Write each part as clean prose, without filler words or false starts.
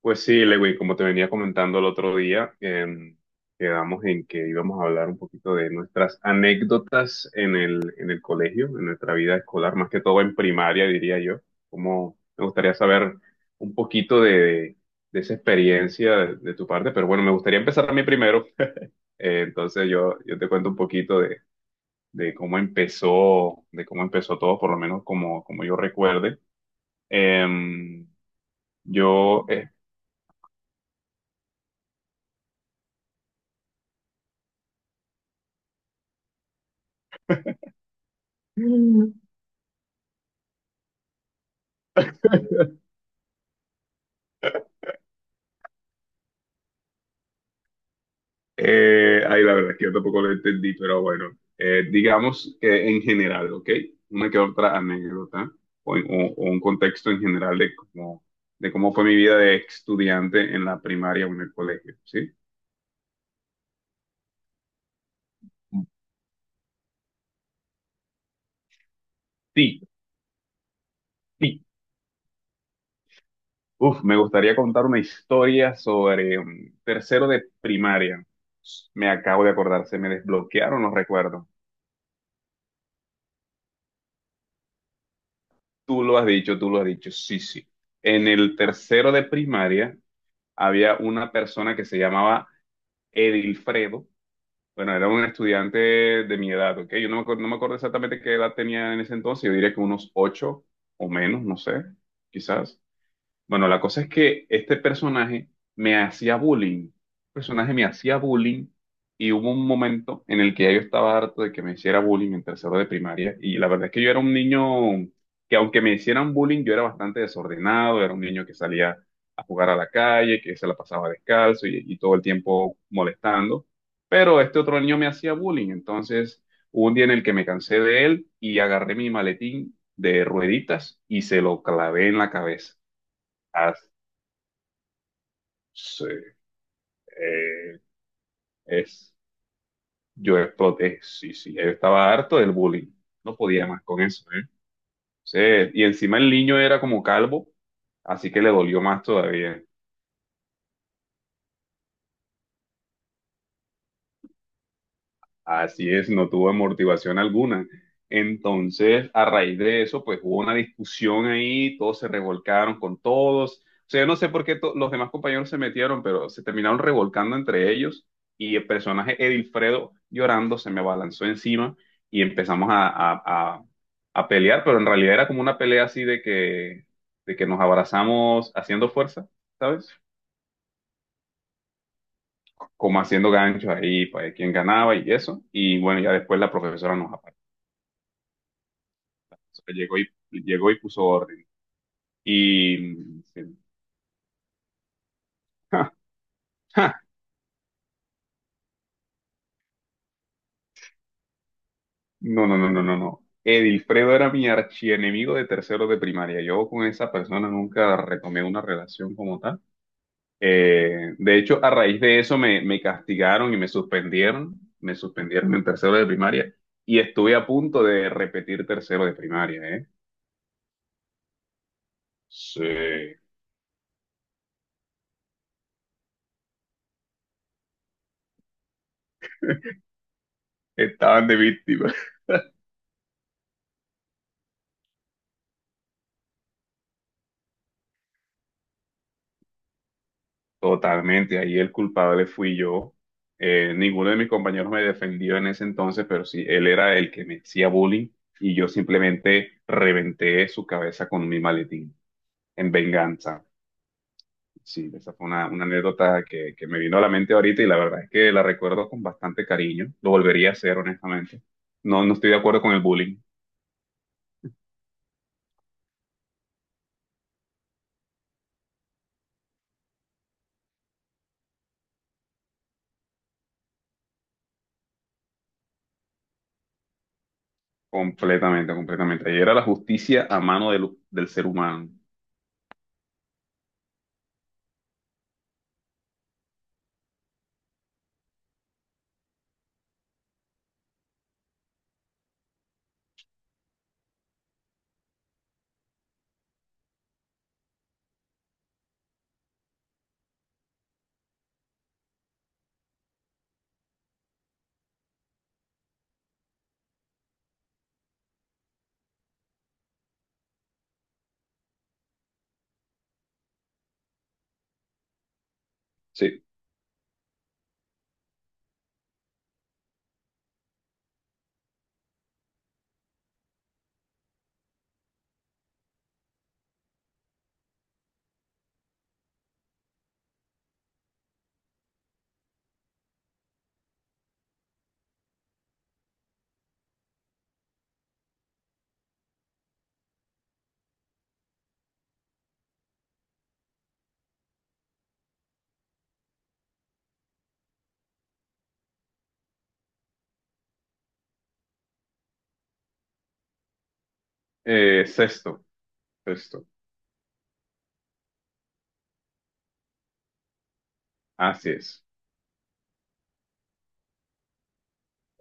Pues sí, Lewin, como te venía comentando el otro día, quedamos en que íbamos a hablar un poquito de nuestras anécdotas en el colegio, en nuestra vida escolar, más que todo en primaria, diría yo. Como me gustaría saber un poquito de esa experiencia de tu parte, pero bueno, me gustaría empezar a mí primero. Entonces yo te cuento un poquito de cómo empezó todo, por lo menos como, como yo recuerde. Em, yo, eh, ahí la verdad es que yo tampoco lo entendí, pero bueno, digamos que en general, ¿ok? Una que otra anécdota o un contexto en general de cómo fue mi vida de estudiante en la primaria o en el colegio, ¿sí? Sí, sí. Uf, me gustaría contar una historia sobre tercero de primaria. Me acabo de acordar, se me desbloquearon los recuerdos. Tú lo has dicho, tú lo has dicho, sí, sí. En el tercero de primaria había una persona que se llamaba Edilfredo. Bueno, era un estudiante de mi edad, ¿ok? Yo no me acuerdo, No me acuerdo exactamente qué edad tenía en ese entonces, yo diría que unos ocho o menos, no sé, quizás. Bueno, la cosa es que este personaje me hacía bullying. El personaje me hacía bullying y hubo un momento en el que ya yo estaba harto de que me hiciera bullying en tercero de primaria. Y la verdad es que yo era un niño que aunque me hicieran bullying, yo era bastante desordenado, era un niño que salía a jugar a la calle, que se la pasaba descalzo y todo el tiempo molestando. Pero este otro niño me hacía bullying. Entonces, hubo un día en el que me cansé de él y agarré mi maletín de rueditas y se lo clavé en la cabeza. Sí, eh, es, yo exploté, sí, sí, yo estaba harto del bullying, no podía más con eso, ¿eh? Sí, y encima el niño era como calvo, así que le dolió más todavía. Así es, no tuvo amortiguación alguna. Entonces, a raíz de eso, pues hubo una discusión ahí, todos se revolcaron con todos. O sea, yo no sé por qué los demás compañeros se metieron, pero se terminaron revolcando entre ellos y el personaje Edilfredo llorando se me abalanzó encima y empezamos a- a pelear, pero en realidad era como una pelea así de que nos abrazamos haciendo fuerza, ¿sabes? Como haciendo ganchos ahí para ver quién ganaba y eso. Y bueno, ya después la profesora nos O sea, llegó y, llegó y puso orden. Y dicen, "Ja, ja, no, no, no, no, no, no. Edilfredo era mi archienemigo de tercero de primaria. Yo con esa persona nunca retomé una relación como tal. De hecho, a raíz de eso me castigaron y me suspendieron. Me suspendieron en tercero de primaria y estuve a punto de repetir tercero de primaria, ¿eh? Sí. Estaban de víctima. Totalmente, ahí el culpable fui yo. Ninguno de mis compañeros me defendió en ese entonces, pero sí, él era el que me hacía bullying y yo simplemente reventé su cabeza con mi maletín en venganza. Sí, esa fue una anécdota que me vino a la mente ahorita y la verdad es que la recuerdo con bastante cariño. Lo volvería a hacer, honestamente. No, no estoy de acuerdo con el bullying. Completamente, completamente. Ahí era la justicia a mano del, del ser humano. Sí. Sexto, sexto. Así es.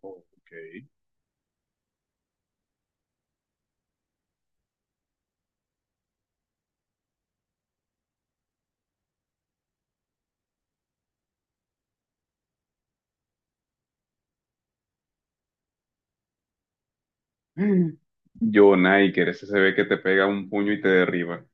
Ok. Yo, Niker, ese se ve que te pega un puño y te derriba.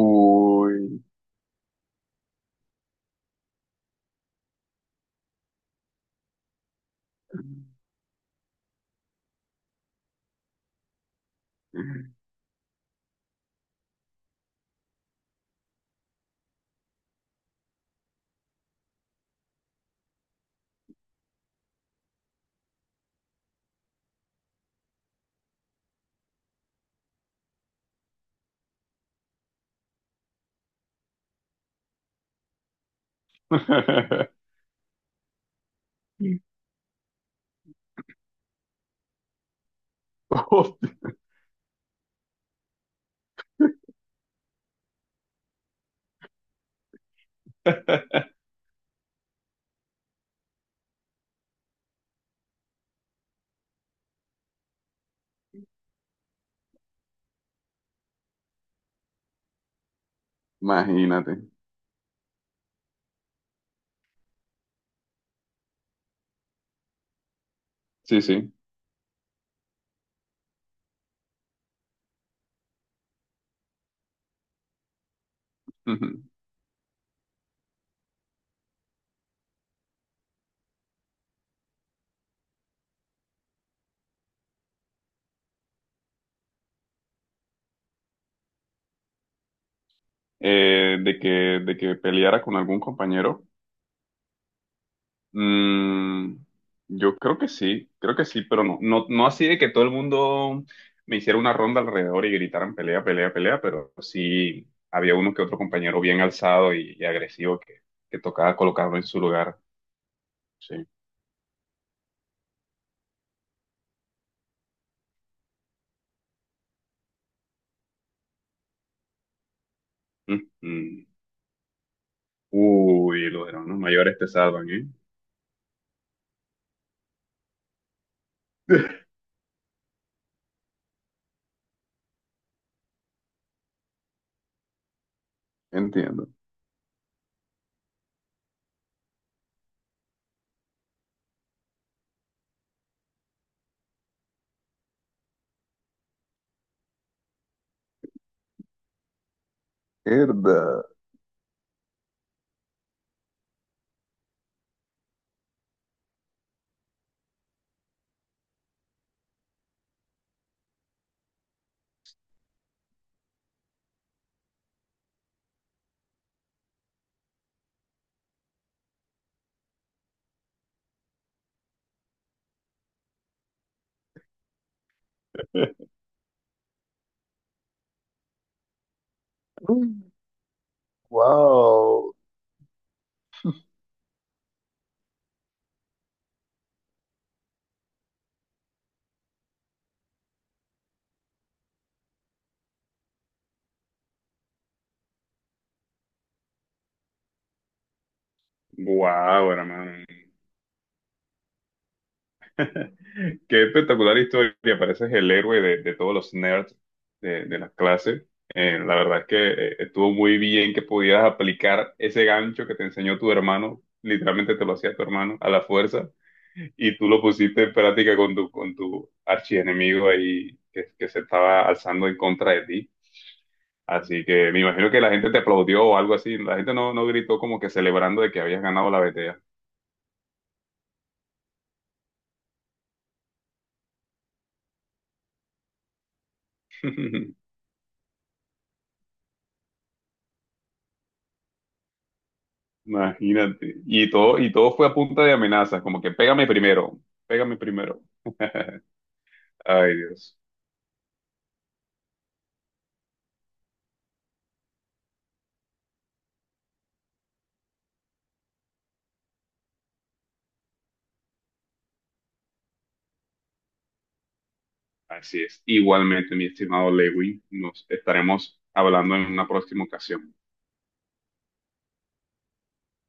Uy. Hostia. Imagínate. Sí, sí. Ujú. Eh, de que, de que peleara con algún compañero. Mm, yo creo que sí, pero no, no, no así de que todo el mundo me hiciera una ronda alrededor y gritaran pelea, pelea, pelea, pero sí había uno que otro compañero bien alzado y agresivo que tocaba colocarlo en su lugar. Sí. Mm, mm. Uy, los hermanos mayores te salvan, ¿eh? Entiendo. Mierda. Wow. Wow, hermano. Qué espectacular historia, pareces el héroe de todos los nerds de las clases. La verdad es que estuvo muy bien que pudieras aplicar ese gancho que te enseñó tu hermano, literalmente te lo hacía tu hermano a la fuerza, y tú lo pusiste en práctica con tu archienemigo ahí que se estaba alzando en contra de ti. Así que me imagino que la gente te aplaudió o algo así, la gente no, no gritó como que celebrando de que habías ganado la BTA. Imagínate. Y todo fue a punta de amenazas, como que pégame primero, pégame primero. Ay, Dios. Así es. Igualmente, mi estimado Lewin, nos estaremos hablando en una próxima ocasión.